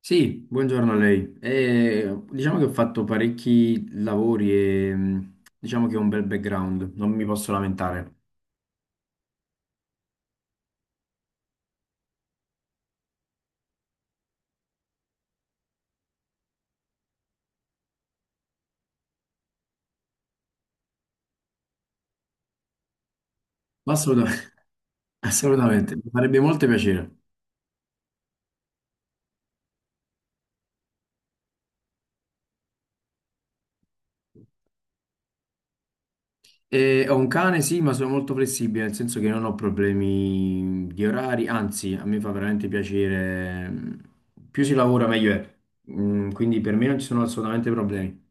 Sì, buongiorno a lei. Diciamo che ho fatto parecchi lavori e diciamo che ho un bel background, non mi posso lamentare. Ma assolutamente, assolutamente, mi farebbe molto piacere. Ho un cane, sì, ma sono molto flessibile, nel senso che non ho problemi di orari, anzi, a me fa veramente piacere. Più si lavora, meglio è. Quindi per me non ci sono assolutamente problemi.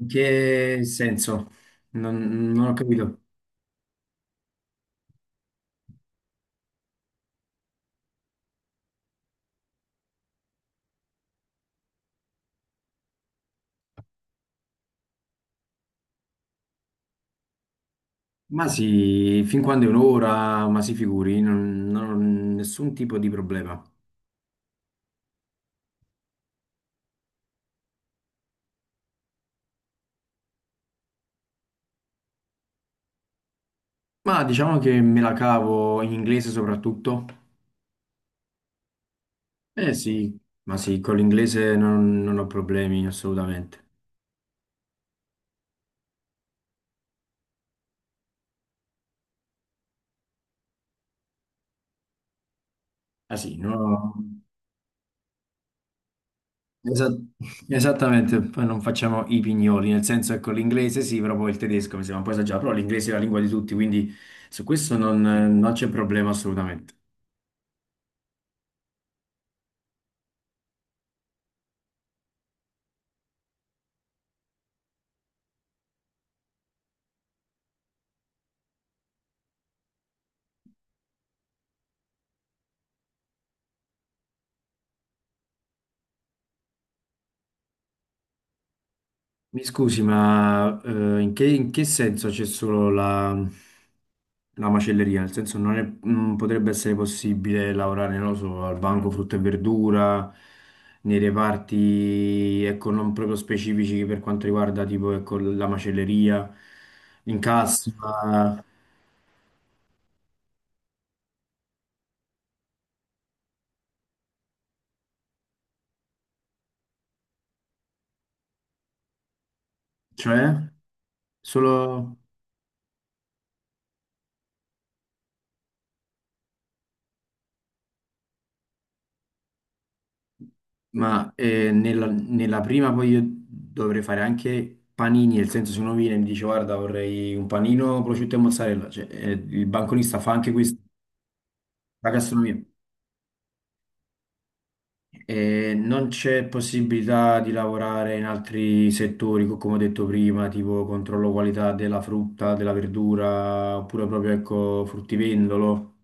In che senso? Non ho capito. Ma sì, fin quando è un'ora, ma si figuri, non ho nessun tipo di problema. Ma diciamo che me la cavo in inglese soprattutto. Eh sì, ma sì, con l'inglese non ho problemi assolutamente. Ah sì, no, no, esa- esattamente, poi non facciamo i pignoli, nel senso che con l'inglese sì, però poi il tedesco mi sembra un po' esagerato, però l'inglese è la lingua di tutti, quindi su questo non c'è problema assolutamente. Mi scusi, ma in che senso c'è solo la macelleria? Nel senso non potrebbe essere possibile lavorare, non lo so, al banco frutta e verdura, nei reparti, ecco, non proprio specifici per quanto riguarda tipo, ecco, la macelleria, in, sì, cassa, cioè solo... Ma nella prima poi io dovrei fare anche panini, nel senso se uno viene e mi dice guarda vorrei un panino prosciutto e mozzarella, cioè, il banconista fa anche questa la gastronomia. Non c'è possibilità di lavorare in altri settori, come ho detto prima, tipo controllo qualità della frutta, della verdura, oppure proprio ecco, fruttivendolo.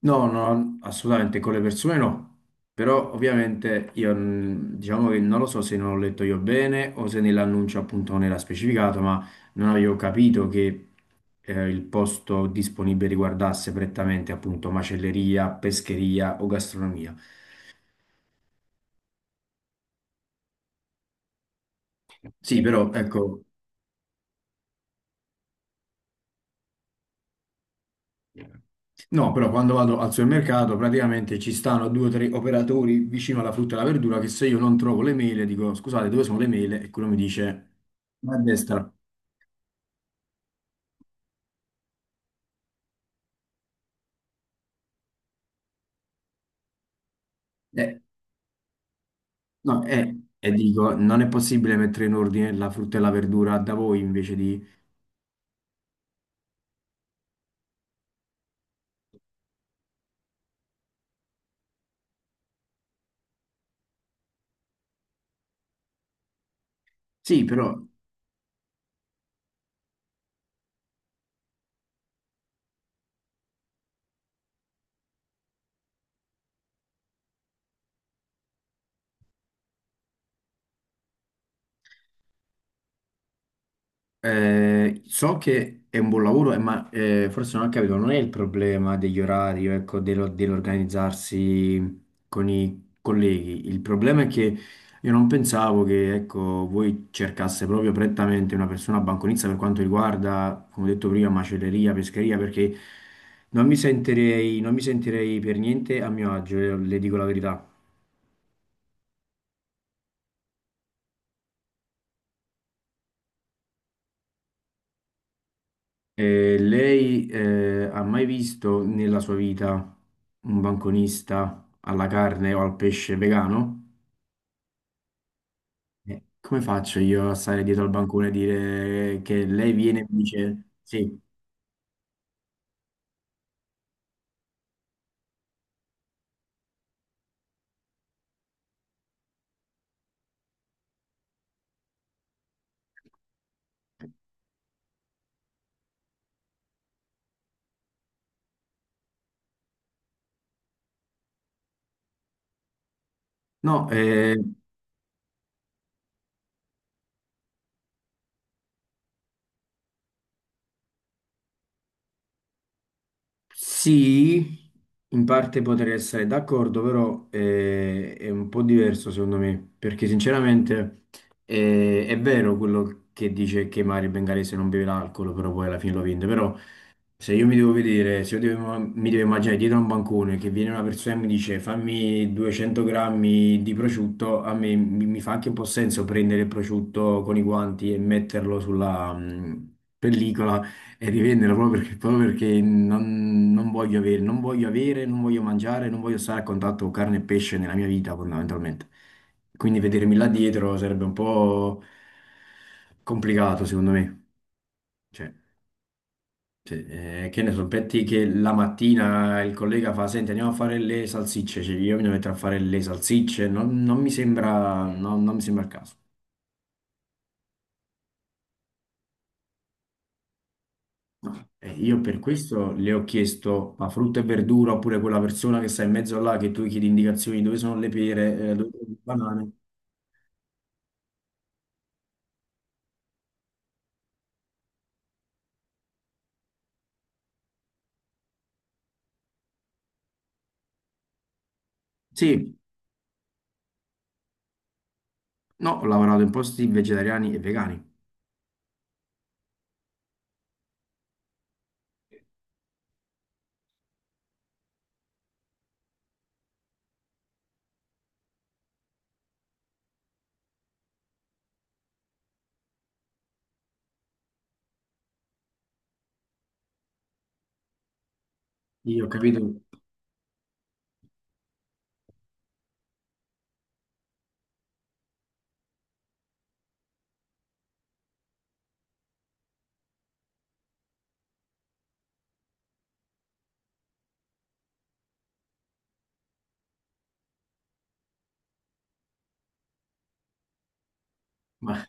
No, no, assolutamente con le persone no, però ovviamente io diciamo che non lo so se non ho letto io bene o se nell'annuncio appunto non era specificato, ma non avevo capito che il posto disponibile riguardasse prettamente appunto macelleria, pescheria o gastronomia. Sì, però ecco, no, però quando vado al supermercato praticamente ci stanno due o tre operatori vicino alla frutta e alla verdura che se io non trovo le mele dico scusate dove sono le mele e quello mi dice... A destra. Eh, no, e dico, non è possibile mettere in ordine la frutta e la verdura da voi invece di... Sì, però so che è un buon lavoro, ma forse non ho capito, non è il problema degli orari, ecco, dell'organizzarsi con i colleghi. Il problema è che io non pensavo che, ecco, voi cercasse proprio prettamente una persona banconista per quanto riguarda, come ho detto prima, macelleria, pescheria, perché non mi sentirei, non mi sentirei per niente a mio agio, le dico la verità. Lei ha mai visto nella sua vita un banconista alla carne o al pesce vegano? Come faccio io a stare dietro al bancone e dire che lei viene e mi dice sì? No, sì, in parte potrei essere d'accordo, però è un po' diverso secondo me, perché sinceramente è vero quello che dice che Mario Bengalese non beve l'alcol, però poi alla fine lo vende, però... Se io mi devo vedere, se io devo- mi devo immaginare dietro a un bancone che viene una persona e mi dice fammi 200 grammi di prosciutto, a me mi, mi fa anche un po' senso prendere il prosciutto con i guanti e metterlo sulla pellicola e rivenderlo proprio perché non voglio avere, non voglio avere, non voglio mangiare, non voglio stare a contatto con carne e pesce nella mia vita fondamentalmente. Quindi vedermi là dietro sarebbe un po' complicato secondo me. Cioè, sì, che ne so, metti che la mattina il collega fa, senti, andiamo a fare le salsicce, cioè, io mi devo mettere a fare le salsicce, non mi sembra, no, non mi sembra il caso. No. E io per questo le ho chiesto, ma frutta e verdura, oppure quella persona che sta in mezzo là, che tu gli chiedi indicazioni dove sono le pere, dove sono le banane. Sì, no, ho lavorato in posti vegetariani e vegani. Io ho capito, ma,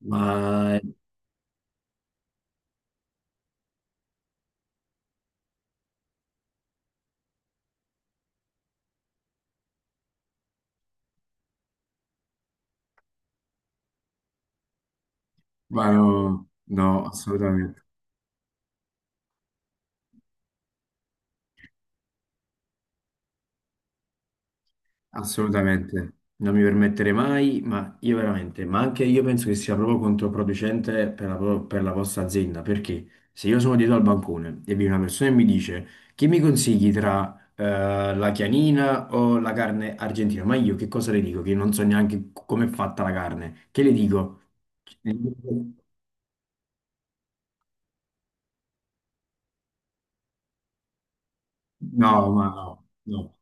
ma, ma no, no, assolutamente. Assolutamente, non mi permetterei mai, ma io veramente, ma anche io penso che sia proprio controproducente per la vostra azienda, perché se io sono dietro al bancone e viene una persona e mi dice che mi consigli tra la chianina o la carne argentina, ma io che cosa le dico? Che non so neanche come è fatta la carne, che le dico? No, ma no, no.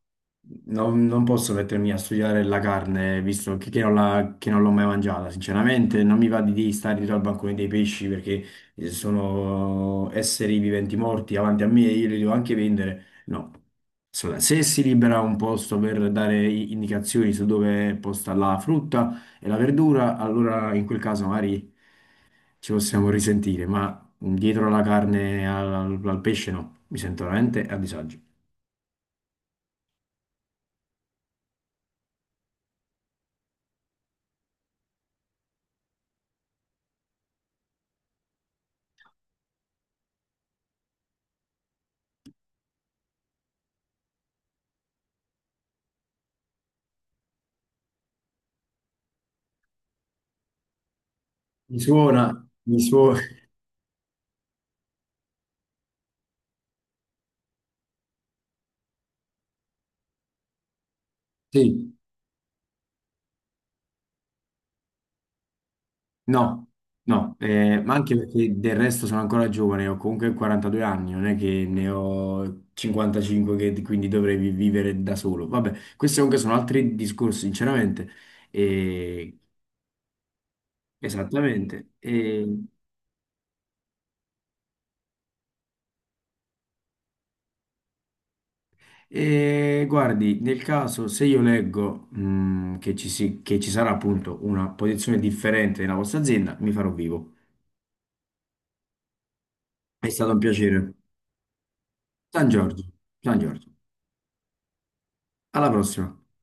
Non, non posso mettermi a studiare la carne, visto che non la- che non l'ho mai mangiata, sinceramente. Non mi va di stare dietro al bancone dei pesci perché sono esseri viventi morti davanti a me e io li devo anche vendere. No. Assolutamente. Se si libera un posto per dare indicazioni su dove è posta la frutta e la verdura, allora in quel caso magari ci possiamo risentire, ma dietro alla carne, al pesce no, mi sento veramente a disagio. Mi suona, sì, no, no, ma anche perché del resto sono ancora giovane, ho comunque 42 anni, non è che ne ho 55 che quindi dovrei vivere da solo. Vabbè, questi comunque sono altri discorsi, sinceramente. E- esattamente. E guardi, nel caso se io leggo, che ci sarà appunto una posizione differente nella vostra azienda, mi farò vivo. È stato un piacere. San Giorgio, San Giorgio. Alla prossima.